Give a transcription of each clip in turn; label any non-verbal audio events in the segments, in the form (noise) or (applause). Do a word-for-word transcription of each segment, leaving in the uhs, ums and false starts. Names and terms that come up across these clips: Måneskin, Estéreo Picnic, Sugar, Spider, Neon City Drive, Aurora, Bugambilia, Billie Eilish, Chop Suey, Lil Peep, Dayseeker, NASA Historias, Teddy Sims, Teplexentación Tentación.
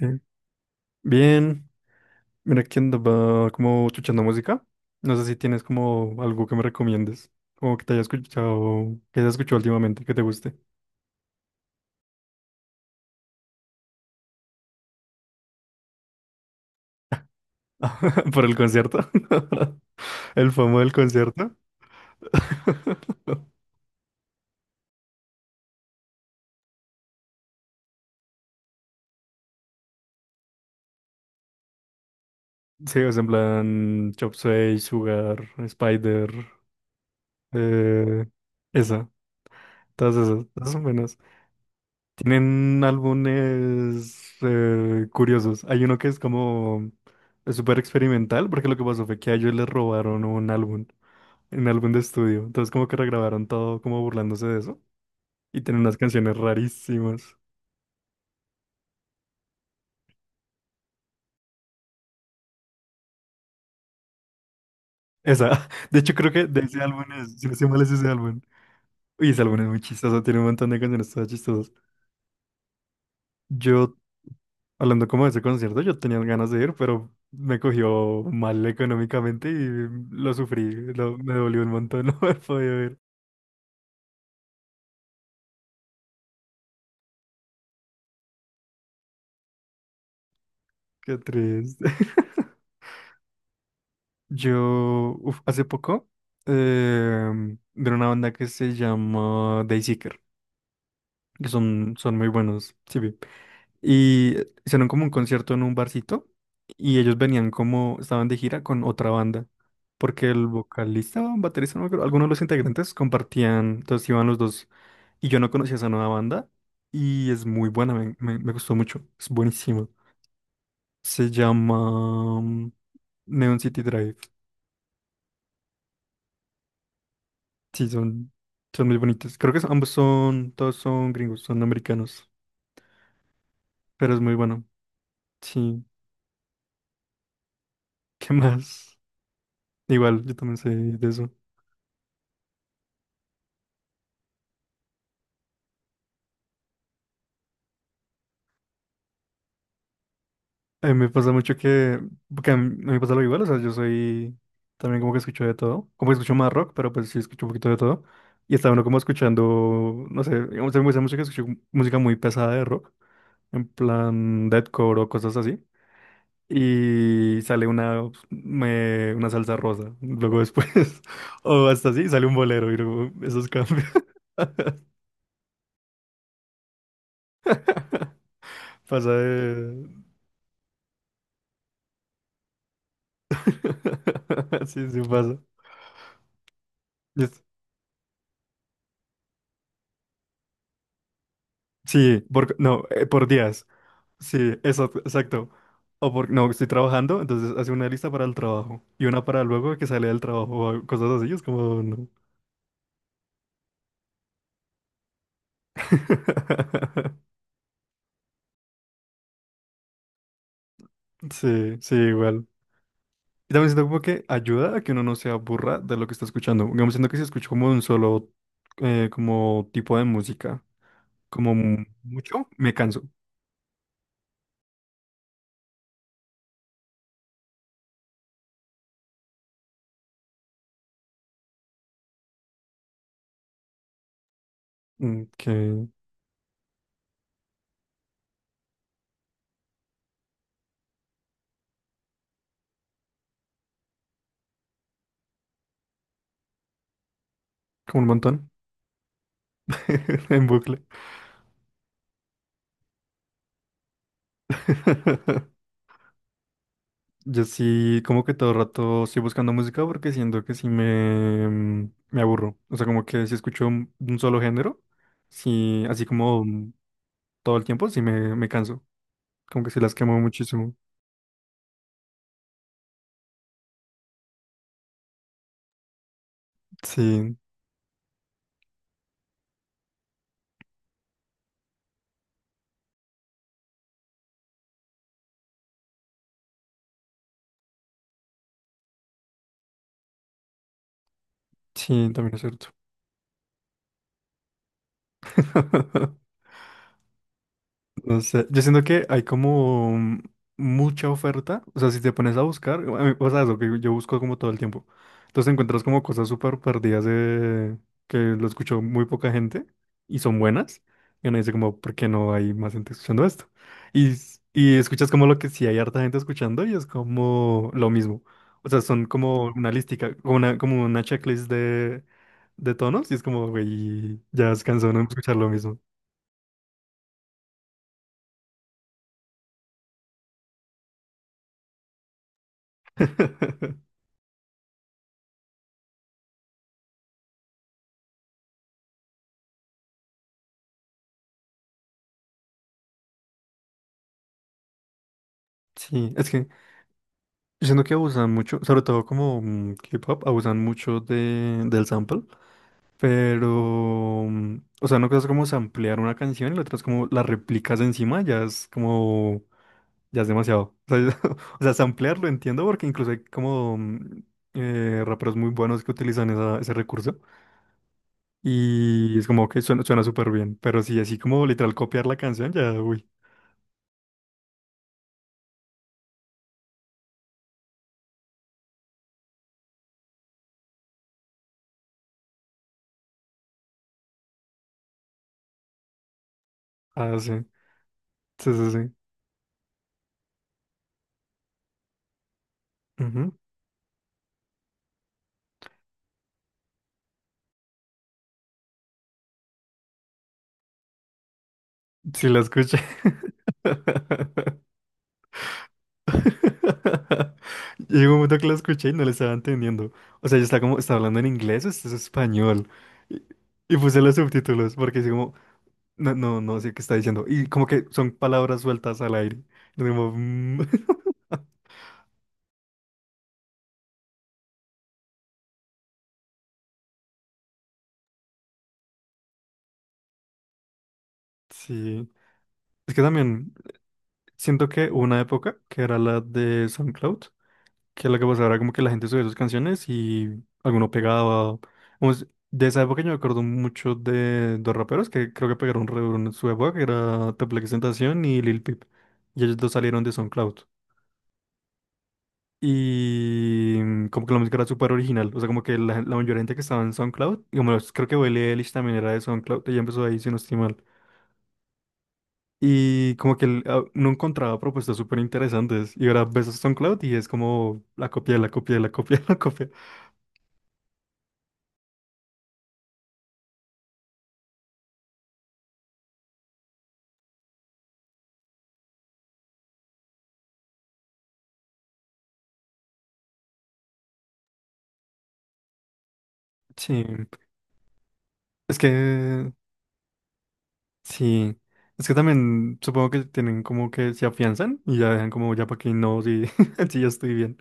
Eh, Bien, mira que andaba como escuchando música. No sé si tienes como algo que me recomiendes, como que te haya escuchado, que hayas escuchado últimamente, que te guste. (laughs) Por el concierto. (laughs) El famoso del concierto. (laughs) Sí, o sea, en plan Chop Suey, Sugar, Spider, eh, esa, todas esas, todas son buenas. Tienen álbumes eh, curiosos. Hay uno que es como es súper experimental, porque lo que pasó fue que a ellos les robaron un álbum, un álbum de estudio. Entonces como que regrabaron todo como burlándose de eso. Y tienen unas canciones rarísimas. Esa, (laughs) de hecho creo que de ese álbum es, si no estoy mal es ese álbum. Y ese álbum es muy chistoso, tiene un montón de canciones todas chistosas. Yo, hablando como de ese concierto, yo tenía ganas de ir, pero me cogió mal económicamente y lo sufrí, lo- me dolió un montón (laughs) no haber podido ir. Qué triste. (laughs) Yo, uf, hace poco, em, de una banda que se llama Dayseeker, que son, son muy buenos, sí vi. Y hicieron como un concierto en un barcito y ellos venían como, estaban de gira con otra banda, porque el vocalista o baterista, no me acuerdo, algunos de los integrantes compartían, entonces iban los dos. Y yo no conocía esa nueva banda y es muy buena, me, me, me gustó mucho, es buenísima. Se llama mm, Neon City Drive. Sí, son, son muy bonitos. Creo que son- ambos son, todos son gringos, son americanos, pero es muy bueno. Sí, (laughs) ¿qué más? Igual, yo también sé de eso. A mí me pasa mucho que, porque a mí, a mí me pasa lo igual, o sea, yo soy también como que escucho de todo, como que escucho más rock, pero pues sí escucho un poquito de todo. Y estaba uno como escuchando, no sé, digamos, a mí me gusta mucho que escucho música muy pesada de rock, en plan deathcore o cosas así. Y sale una, pues, me- una salsa rosa, luego después, (laughs) o hasta así, sale un bolero, y luego esos cambios. (laughs) Pasa de... (laughs) Sí, sí pasa. Yes. Sí, por, no, eh, por días. Sí, eso, exacto. O por, no, estoy trabajando, entonces hace una lista para el trabajo y una para luego que sale del trabajo o cosas así, es como, no. (laughs) Sí, sí, igual. Y también siento como que ayuda a que uno no se aburra de lo que está escuchando. Digamos, siento que si escucho como un solo eh, como tipo de música, como mu- mucho, me canso. Mm, que como un montón (laughs) en bucle. (laughs) Yo sí, como que todo el rato estoy buscando música porque siento que sí me, mm, me aburro. O sea, como que si escucho un, un solo género, sí, así como mm, todo el tiempo, sí me, me canso. Como que sí las quemo muchísimo. Sí, sí, también es cierto. (laughs) No sé, yo siento que hay como mm, mucha oferta, o sea, si te pones a buscar, a mí- o sea, eso que yo busco como todo el tiempo, entonces encuentras como cosas súper perdidas de- que lo escuchó muy poca gente y son buenas, y uno dice como, ¿por qué no hay más gente escuchando esto? Y, s- y escuchas como lo que sí hay harta gente escuchando y es como lo mismo, o sea, son como una lística, como una, como una checklist de, de tonos y es como, güey, ya se cansó de escuchar lo mismo. (laughs) Sí, es que... Yo siento que abusan mucho, sobre todo como mm, K-pop, abusan mucho de, del sample, pero, mm, o sea, no cosa es como samplear una canción y la otra es como la replicas encima, ya es como, ya es demasiado. O sea, (laughs) o sea, samplear lo entiendo porque incluso hay como mm, eh, raperos muy buenos que utilizan esa- ese recurso y es como que suena, suena súper bien, pero sí, así como literal copiar la canción, ya, uy, ah, sí, sí, sí, sí, ujú, sí la escuché. (laughs) (laughs) Llegó un momento que lo escuché y no le estaba entendiendo. O sea, yo estaba como, ¿está hablando en inglés o esto es español? Y, y puse los subtítulos porque así como, no, no, no sé qué está diciendo. Y como que son palabras sueltas al aire. Y como, "Mm". (laughs) Sí. Es que también siento que hubo una época que era la de SoundCloud, que lo que pasaba era como que la gente subía sus canciones y alguno pegaba. Vamos, de esa época yo me acuerdo mucho de dos raperos que creo que pegaron re duro en su época, que era Teplexentación Tentación y Lil Peep. Y ellos dos salieron de SoundCloud. Y mm, como que la música era súper original. O sea, como que la, gen- la mayoría de gente que estaba en SoundCloud, y como los- creo que Billie Eilish también era de SoundCloud, ella empezó ahí, si no estoy mal. Y como que no encontraba propuestas súper interesantes. Y ahora ves a SoundCloud y es como la copia, la copia, la copia, (laughs) la copia. Sí. Es que sí, es que también supongo que tienen como que se afianzan y ya dejan como ya para que no, sí, (laughs) sí, ya estoy bien.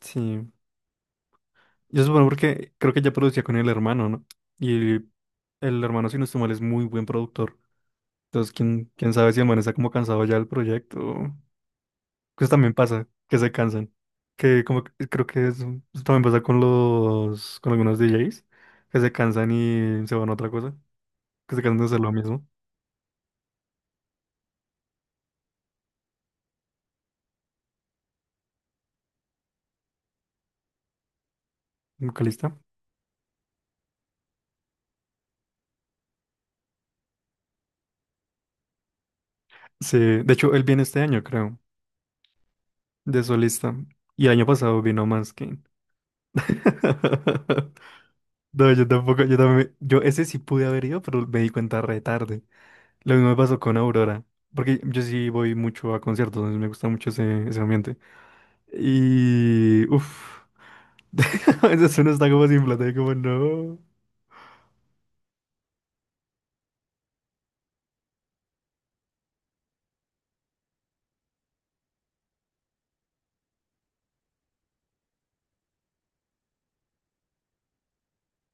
Sí, yo supongo porque creo que ya producía con el hermano, ¿no? Y el hermano, si no estoy mal, es muy buen productor. Entonces, quién, quién sabe si el man está como cansado ya del proyecto. Pues también pasa, que se cansan. Que como que- creo que es, eso también pasa con los, con algunos D Js, que se cansan y se van a otra cosa, que se cansan de hacer lo mismo, vocalista. Sí, de hecho, él viene este año, creo, de solista. Y año pasado vino Manskin. (laughs) No, yo tampoco, yo también, yo ese sí pude haber ido, pero me di cuenta re tarde. Lo mismo me pasó con Aurora, porque yo sí voy mucho a conciertos, entonces me gusta mucho ese, ese ambiente. Y, uff, (laughs) a veces uno está (laughs) como sin plata y como, no.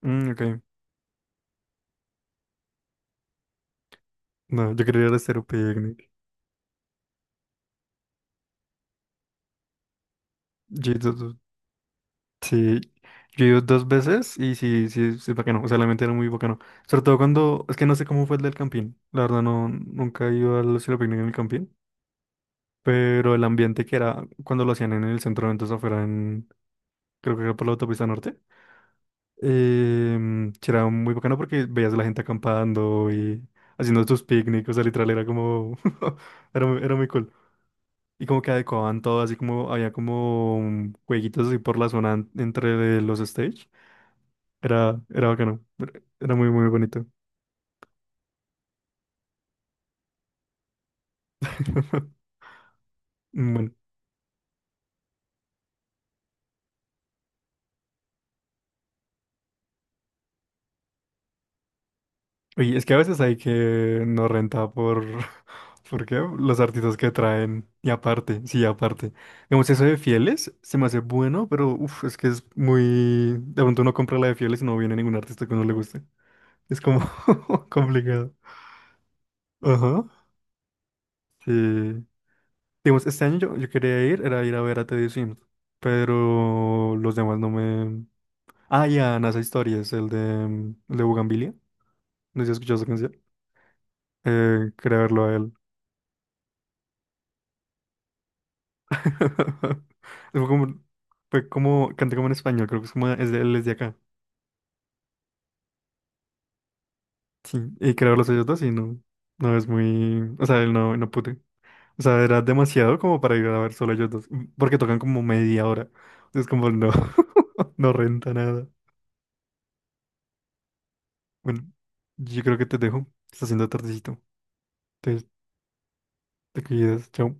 Mm, ok, no, yo quería ir a Estéreo Picnic. Sí, yo he ido dos veces y sí, sí, sí, es bacano, o sea, la mente era muy bacano. Sobre todo cuando, es que no sé cómo fue el del campín, la verdad no, nunca he ido al cielo picnic en el campín, pero el ambiente que era cuando lo hacían en el centro de eventos afuera en, creo que era por la autopista norte, eh, sí, era muy bacano porque veías a la gente acampando y haciendo sus picnics, o sea, literal era como, (laughs) era muy, era muy cool. Y como que adecuaban todo, así como había como mm, jueguitos así por la zona en- entre los stage. Era, era bacano. Era era muy, muy bonito. (laughs) Bueno. Oye, es que a veces hay que no renta por... (laughs) ¿Por qué? Los artistas que traen. Y aparte, sí, aparte. Digamos, eso de Fieles se me hace bueno, pero uf, es que es muy... De pronto uno compra la de Fieles y no viene ningún artista que uno le guste. Es como (laughs) complicado. Ajá. Sí. Digamos, este año yo, yo quería ir, era ir a ver a Teddy Sims pero los demás no me... Ah, y a NASA Historias, el de, el de Bugambilia. No sé si has escuchado esa canción. Eh, quería verlo a él. (laughs) Fue como, fue como, canta como en español, creo que es como, es de, él es de acá. Sí, y quería verlos a ellos dos y no, no es muy, o sea, él no, no pude. O sea, era demasiado como para ir a ver solo a ellos dos, m- porque tocan como media hora. Entonces como no, (laughs) no renta nada. Bueno, yo creo que te dejo, está haciendo tardecito. Te, te cuidas, chao.